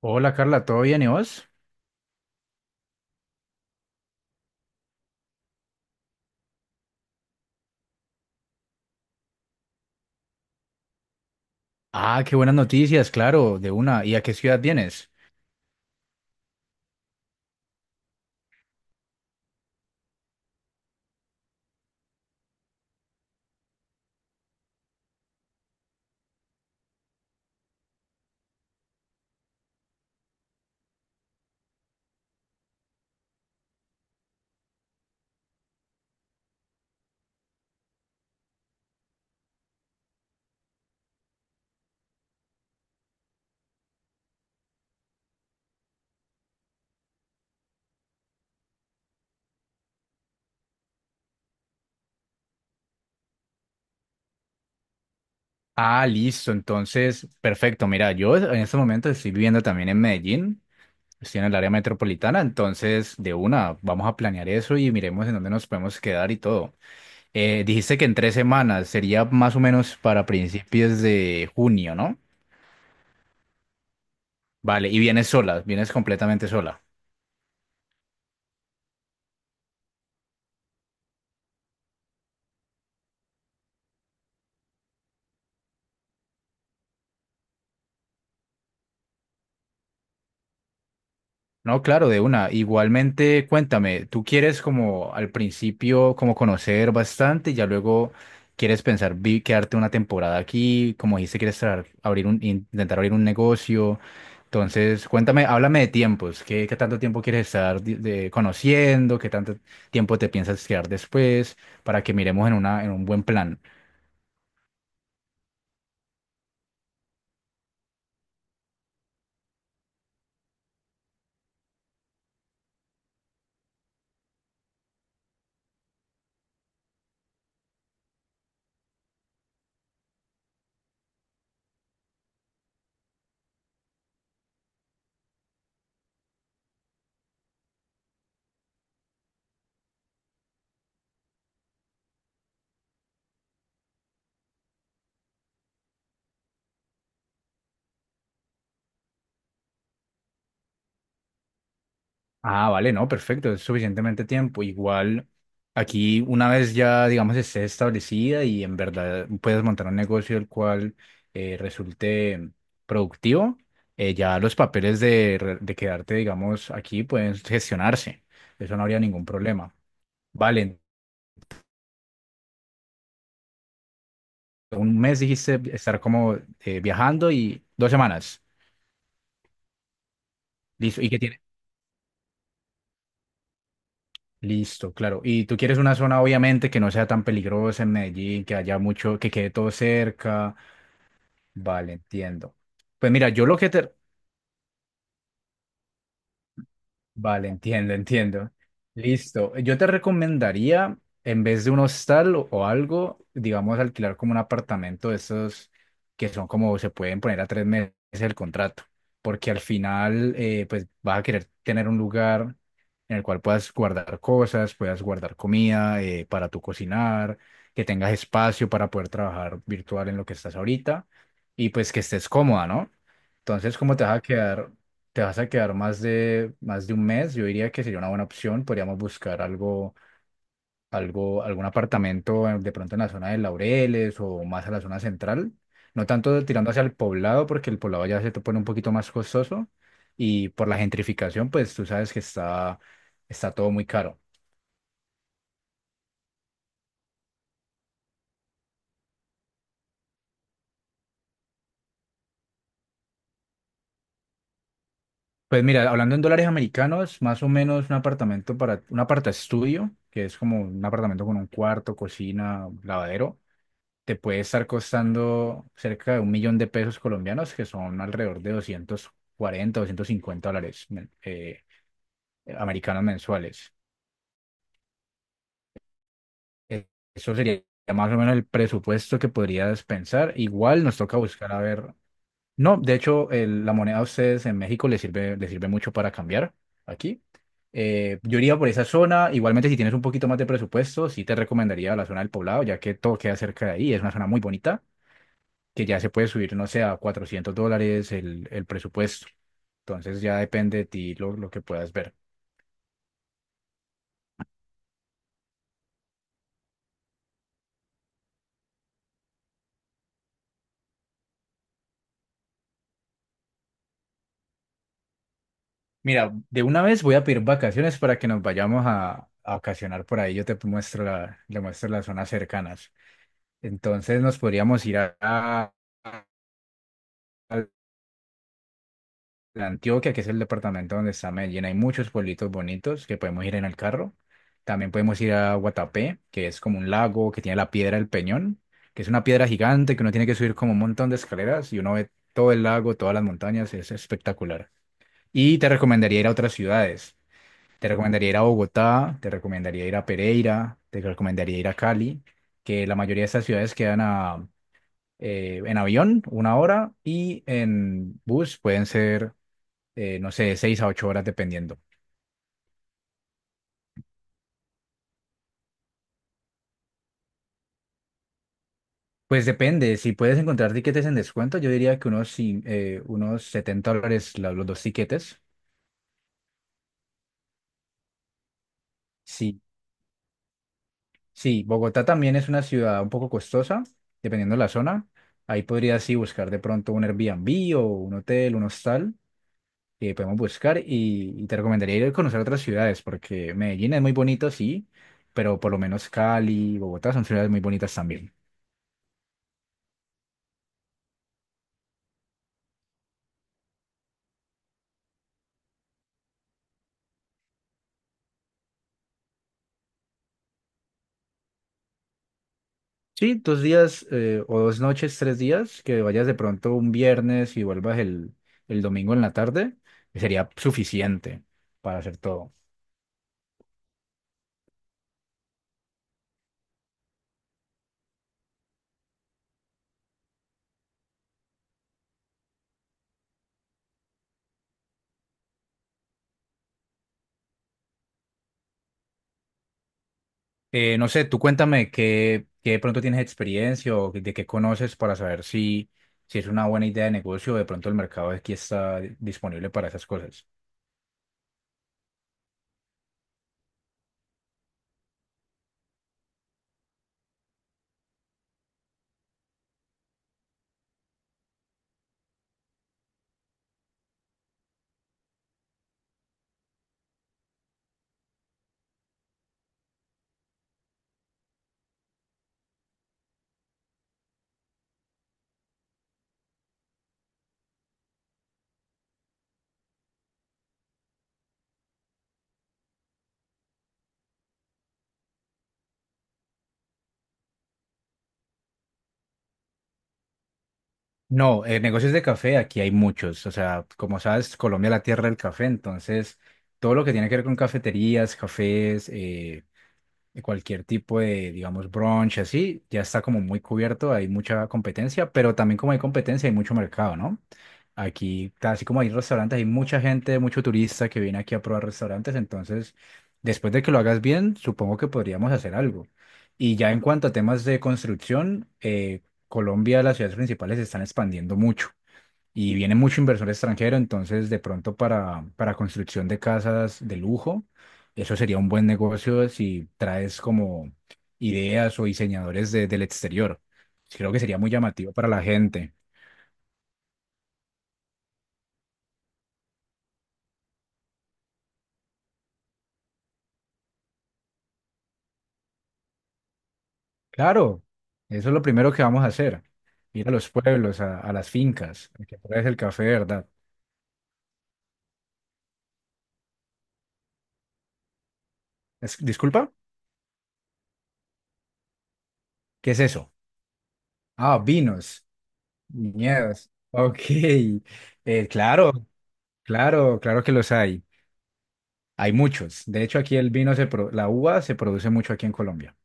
Hola Carla, ¿todo bien y vos? Ah, qué buenas noticias, claro, de una. ¿Y a qué ciudad vienes? Ah, listo, entonces, perfecto. Mira, yo en este momento estoy viviendo también en Medellín, estoy en el área metropolitana, entonces de una, vamos a planear eso y miremos en dónde nos podemos quedar y todo. Dijiste que en 3 semanas, sería más o menos para principios de junio, ¿no? Vale, y vienes sola, vienes completamente sola. No, claro, de una. Igualmente, cuéntame, tú quieres como al principio como conocer bastante, ya luego quieres pensar quedarte una temporada aquí, como dijiste, quieres intentar abrir un negocio. Entonces, cuéntame, háblame de tiempos, ¿qué tanto tiempo quieres estar conociendo? ¿Qué tanto tiempo te piensas quedar después? Para que miremos en un buen plan. Ah, vale, no, perfecto, es suficientemente tiempo. Igual aquí una vez ya, digamos, esté establecida y en verdad puedes montar un negocio el cual resulte productivo, ya los papeles de quedarte, digamos, aquí pueden gestionarse. Eso no habría ningún problema. Vale, un mes dijiste estar como viajando y 2 semanas. Listo, ¿y qué tiene? Listo, claro. Y tú quieres una zona, obviamente, que no sea tan peligrosa en Medellín, que haya mucho, que quede todo cerca. Vale, entiendo. Pues mira, yo lo que te. Vale, entiendo, entiendo. Listo. Yo te recomendaría, en vez de un hostal o algo, digamos, alquilar como un apartamento de esos que son como se pueden poner a 3 meses el contrato, porque al final, pues vas a querer tener un lugar en el cual puedas guardar cosas, puedas guardar comida para tu cocinar, que tengas espacio para poder trabajar virtual en lo que estás ahorita y pues que estés cómoda, ¿no? Entonces, ¿cómo te vas a quedar? Te vas a quedar más de un mes, yo diría que sería una buena opción. Podríamos buscar algún apartamento de pronto en la zona de Laureles o más a la zona central. No tanto tirando hacia el Poblado, porque el Poblado ya se te pone un poquito más costoso. Y por la gentrificación, pues tú sabes que está todo muy caro. Pues mira, hablando en dólares americanos, más o menos un aparta estudio, que es como un apartamento con un cuarto, cocina, lavadero. Te puede estar costando cerca de 1 millón de pesos colombianos, que son alrededor de doscientos US$250 americanos mensuales. Eh, Eso sería más o menos el presupuesto que podrías pensar. Igual nos toca buscar a ver. No, de hecho, la moneda a ustedes en México les sirve mucho para cambiar aquí. Yo iría por esa zona. Igualmente, si tienes un poquito más de presupuesto, sí te recomendaría la zona del Poblado, ya que todo queda cerca de ahí. Es una zona muy bonita. Que ya se puede subir, no sé, a US$400 el presupuesto. Entonces ya depende de ti lo que puedas ver. Mira, de una vez voy a pedir vacaciones para que nos vayamos a vacacionar por ahí. Yo te muestro le muestro las zonas cercanas. Entonces nos podríamos ir a- de Antioquia, que es el departamento donde está Medellín, hay muchos pueblitos bonitos que podemos ir en el carro. También podemos ir a Guatapé, que es como un lago que tiene la piedra del Peñón, que es una piedra gigante que uno tiene que subir como un montón de escaleras y uno ve todo el lago, todas las montañas, es espectacular. Y te recomendaría ir a otras ciudades. Te recomendaría ir a Bogotá, te recomendaría ir a Pereira, te recomendaría ir a Cali, que la mayoría de estas ciudades quedan en avión una hora y en bus pueden ser no sé, 6 a 8 horas dependiendo. Pues depende, si puedes encontrar tiquetes en descuento, yo diría que sí, unos US$70 los dos tiquetes. Sí, sí, Bogotá también es una ciudad un poco costosa, dependiendo de la zona. Ahí podrías sí buscar de pronto un Airbnb o un hotel, un hostal, que podemos buscar y te recomendaría ir a conocer otras ciudades, porque Medellín es muy bonito, sí, pero por lo menos Cali, Bogotá son ciudades muy bonitas también. Sí, 2 días o 2 noches, 3 días, que vayas de pronto un viernes y vuelvas el domingo en la tarde, sería suficiente para hacer todo. No sé, tú cuéntame qué de pronto tienes experiencia o de qué conoces para saber si es una buena idea de negocio o de pronto el mercado aquí está disponible para esas cosas. No, negocios de café aquí hay muchos. O sea, como sabes, Colombia es la tierra del café, entonces todo lo que tiene que ver con cafeterías, cafés, de cualquier tipo de, digamos, brunch, así, ya está como muy cubierto, hay mucha competencia, pero también como hay competencia, hay mucho mercado, ¿no? Aquí, así como hay restaurantes, hay mucha gente, mucho turista que viene aquí a probar restaurantes, entonces, después de que lo hagas bien, supongo que podríamos hacer algo. Y ya en cuanto a temas de construcción, Colombia, las ciudades principales se están expandiendo mucho y viene mucho inversor extranjero, entonces de pronto para construcción de casas de lujo, eso sería un buen negocio si traes como ideas o diseñadores del exterior. Creo que sería muy llamativo para la gente. Claro, eso es lo primero que vamos a hacer, ir a los pueblos, a las fincas, a que pruebes el café, ¿verdad? Disculpa, ¿qué es eso? Ah, vinos, viñedos. Ok, claro, claro, claro que los hay. Hay muchos. De hecho, aquí el vino, la uva se produce mucho aquí en Colombia.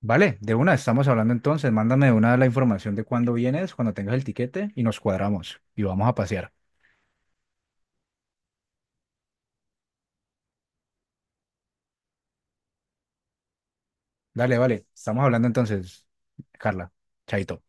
Vale, de una, estamos hablando entonces. Mándame de una la información de cuándo vienes, cuando tengas el tiquete y nos cuadramos y vamos a pasear. Dale, vale, estamos hablando entonces, Carla. Chaito.